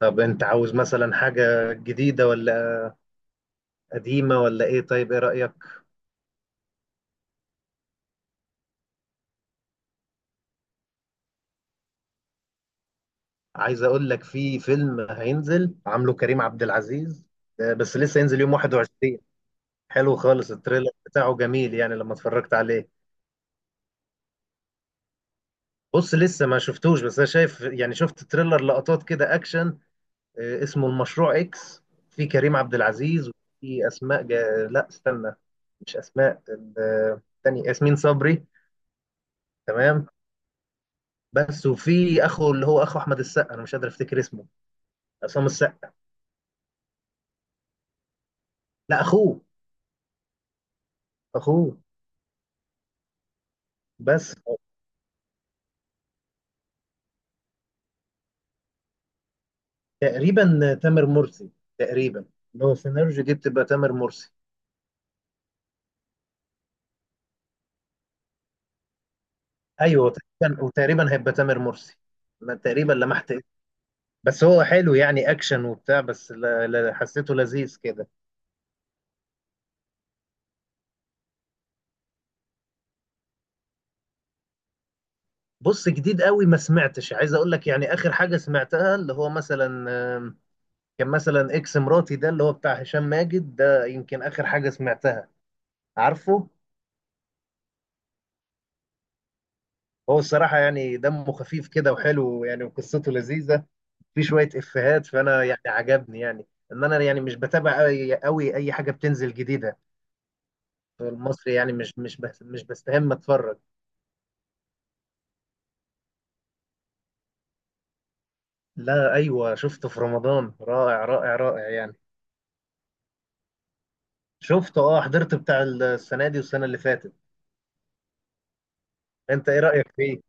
طب انت عاوز مثلا حاجة جديدة ولا قديمة ولا ايه؟ طيب ايه رأيك؟ عايز اقول لك في فيلم هينزل عامله كريم عبد العزيز، بس لسه هينزل يوم 21. حلو خالص، التريلر بتاعه جميل يعني لما اتفرجت عليه. بص لسه ما شفتوش، بس انا شايف يعني شفت تريلر لقطات كده اكشن. اسمه المشروع اكس. في كريم عبد العزيز وفي اسماء لا استنى، مش اسماء تاني ياسمين صبري. تمام. بس وفي اخو، اللي هو اخو احمد السقا، انا مش قادر افتكر اسمه. عصام السقا. لا اخوه، اخوه بس. تقريبا تامر مرسي، تقريبا. لو سيناريو دي بتبقى تامر مرسي. ايوه تقريبا، وتقريبا هيبقى تامر مرسي، انا تقريبا لمحت اسمه. بس هو حلو يعني اكشن وبتاع، بس لا لا، حسيته لذيذ كده. بص جديد قوي ما سمعتش، عايز اقول لك يعني اخر حاجه سمعتها اللي هو مثلا آم، كان مثلا اكس مراتي، ده اللي هو بتاع هشام ماجد، ده يمكن اخر حاجه سمعتها. عارفه؟ هو الصراحه يعني دمه خفيف كده وحلو يعني، وقصته لذيذه، في شويه افيهات، فانا يعني عجبني يعني. ان انا يعني مش بتابع قوي قوي اي حاجه بتنزل جديده في المصري، يعني مش بس مش بستهم اتفرج. لا ايوه، شفته في رمضان، رائع رائع رائع يعني. شفته، اه، حضرت بتاع السنه دي والسنه اللي فاتت. انت ايه رايك فيه؟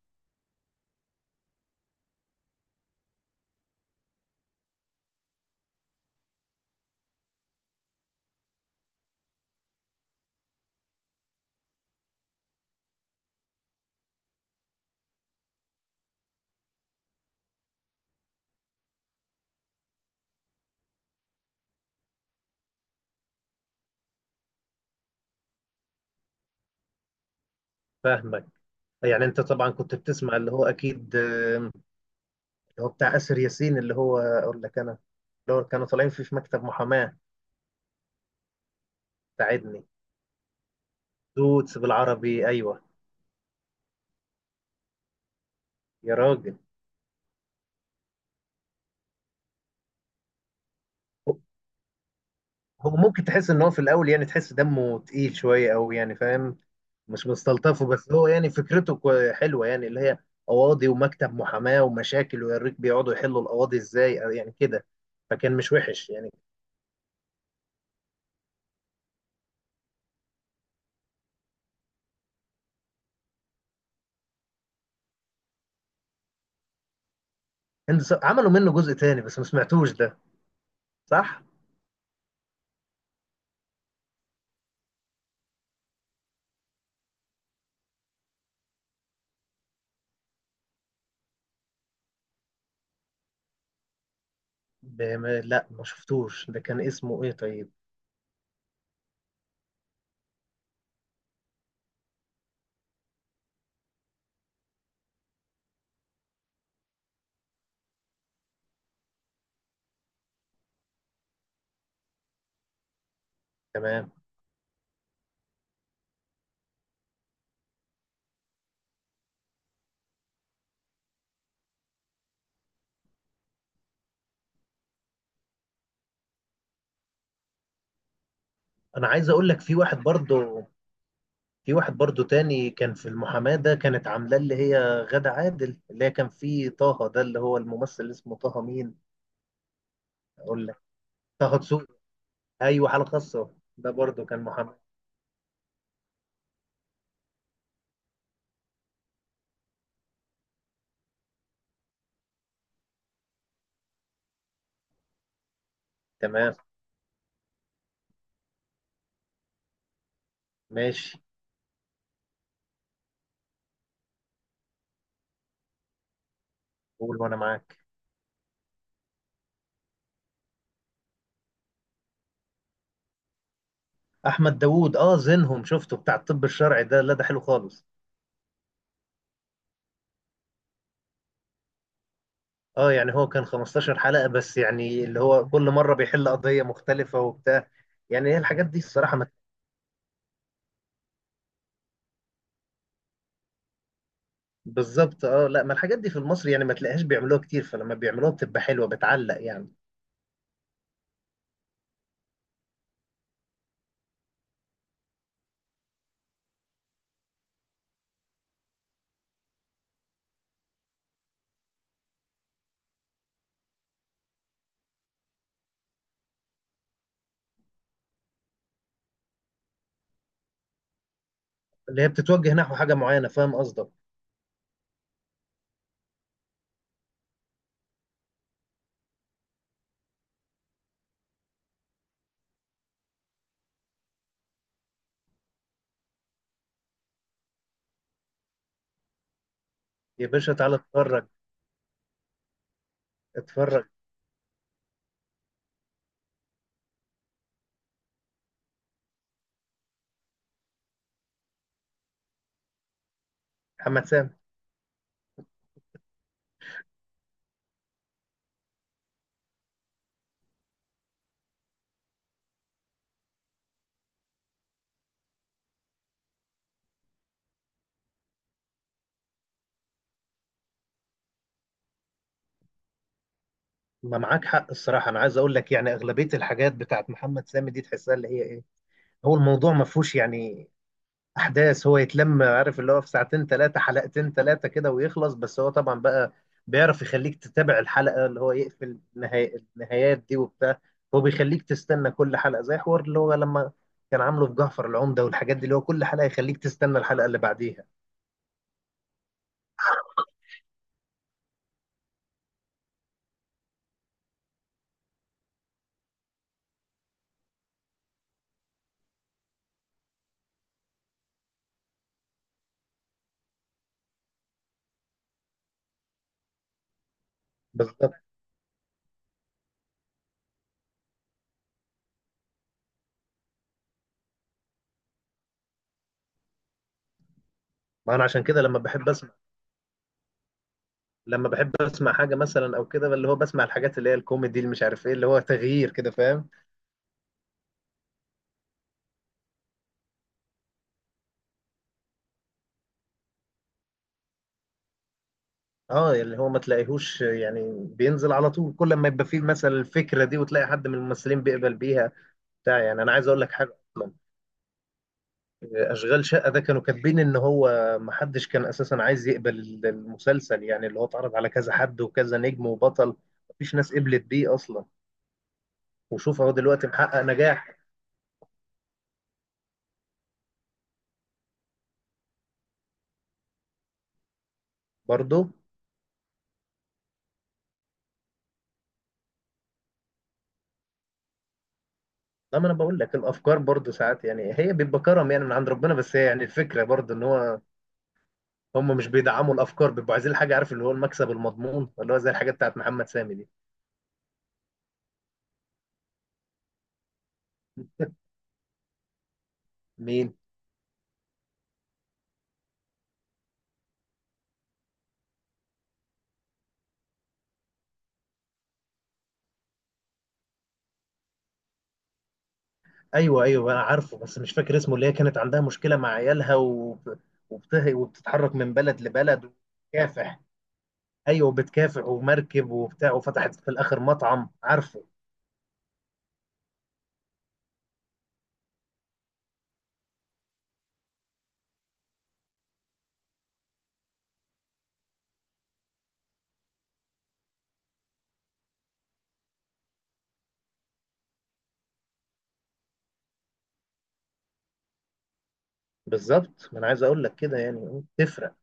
فاهمك. يعني انت طبعا كنت بتسمع اللي هو اكيد، اللي هو بتاع اسر ياسين، اللي هو اقول لك انا، اللي هو كانوا طالعين فيه في مكتب محاماه. ساعدني. دوتس بالعربي، ايوه. يا راجل. هو ممكن تحس ان هو في الاول يعني تحس دمه تقيل شويه قوي، يعني فاهم، مش مستلطفه، بس هو يعني فكرته حلوه يعني، اللي هي قواضي ومكتب محاماه ومشاكل، ويوريك بيقعدوا يحلوا القواضي ازاي أو يعني كده. فكان مش وحش يعني. هند عملوا منه جزء تاني بس ما سمعتوش ده، صح؟ لا ما شفتوش ده، كان اسمه ايه طيب؟ تمام. انا عايز اقول لك في واحد برضو تاني كان في المحاماه، ده كانت عاملاه اللي هي غادة عادل، اللي هي كان فيه طه ده، اللي هو الممثل اللي اسمه طه مين، اقول لك، طه دسوقي. ايوه حاله خاصه، ده برضو كان محمد. تمام. ماشي. قول وانا معاك. احمد داوود، اه زينهم، شفته بتاع الطب الشرعي ده، لا ده حلو خالص. اه يعني هو كان 15 حلقه بس، يعني اللي هو كل مره بيحل قضيه مختلفه وبتاع، يعني هي الحاجات دي الصراحه ما... بالظبط. اه لا، ما الحاجات دي في المصري يعني ما تلاقيهاش بيعملوها كتير، فلما بيعملوها بتبقى حلوه، بتعلق يعني. اللي هي بتتوجه نحو حاجه معينه، فاهم قصدك. يا باشا تعالى اتفرج، اتفرج. محمد سامي. ما معاك حق، الصراحة أنا عايز أقول لك يعني أغلبية الحاجات بتاعت محمد سامي دي تحسها اللي هي إيه، هو الموضوع ما فيهوش يعني أحداث، هو يتلم عارف اللي هو في ساعتين ثلاثة، حلقتين ثلاثة كده ويخلص. بس هو طبعا بقى بيعرف يخليك تتابع الحلقة، اللي هو يقفل النهايات دي وبتاع. هو بيخليك تستنى كل حلقة، زي حوار اللي هو لما كان عامله في جعفر العمدة، والحاجات دي اللي هو كل حلقة يخليك تستنى الحلقة اللي بعديها. بالظبط. ما أنا عشان كده لما بحب اسمع حاجه مثلا او كده، اللي هو بسمع الحاجات اللي هي الكوميدي، اللي مش عارف ايه، اللي هو تغيير كده، فاهم. اه اللي هو ما تلاقيهوش يعني بينزل على طول، كل ما يبقى فيه مثلا الفكره دي، وتلاقي حد من الممثلين بيقبل بيها بتاع يعني انا عايز اقول لك حاجه اصلا، اشغال شقه ده كانوا كاتبين ان هو ما حدش كان اساسا عايز يقبل المسلسل، يعني اللي هو اتعرض على كذا حد وكذا نجم وبطل، مفيش ناس قبلت بيه اصلا. وشوف اهو دلوقتي محقق نجاح. برضه. لا ما انا بقول لك الافكار برضو ساعات، يعني هي بيبقى كرم يعني من عند ربنا، بس هي يعني الفكره برضو ان هو هم مش بيدعموا الافكار، بيبقوا عايزين حاجه عارف اللي هو المكسب المضمون، اللي هو زي الحاجات بتاعت محمد سامي دي. مين؟ ايوه ايوه انا عارفه، بس مش فاكر اسمه. اللي هي كانت عندها مشكله مع عيالها وبتتحرك من بلد لبلد وبتكافح. ايوه بتكافح ومركب وبتاع، وفتحت في الاخر مطعم، عارفه. بالظبط، ما انا عايز اقول لك كده، يعني تفرق.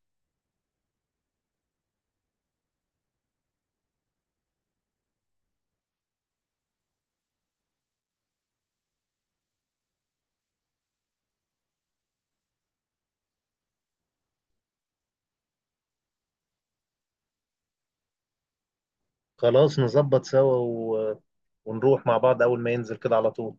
خلاص نظبط سوا ونروح مع بعض اول ما ينزل كده على طول.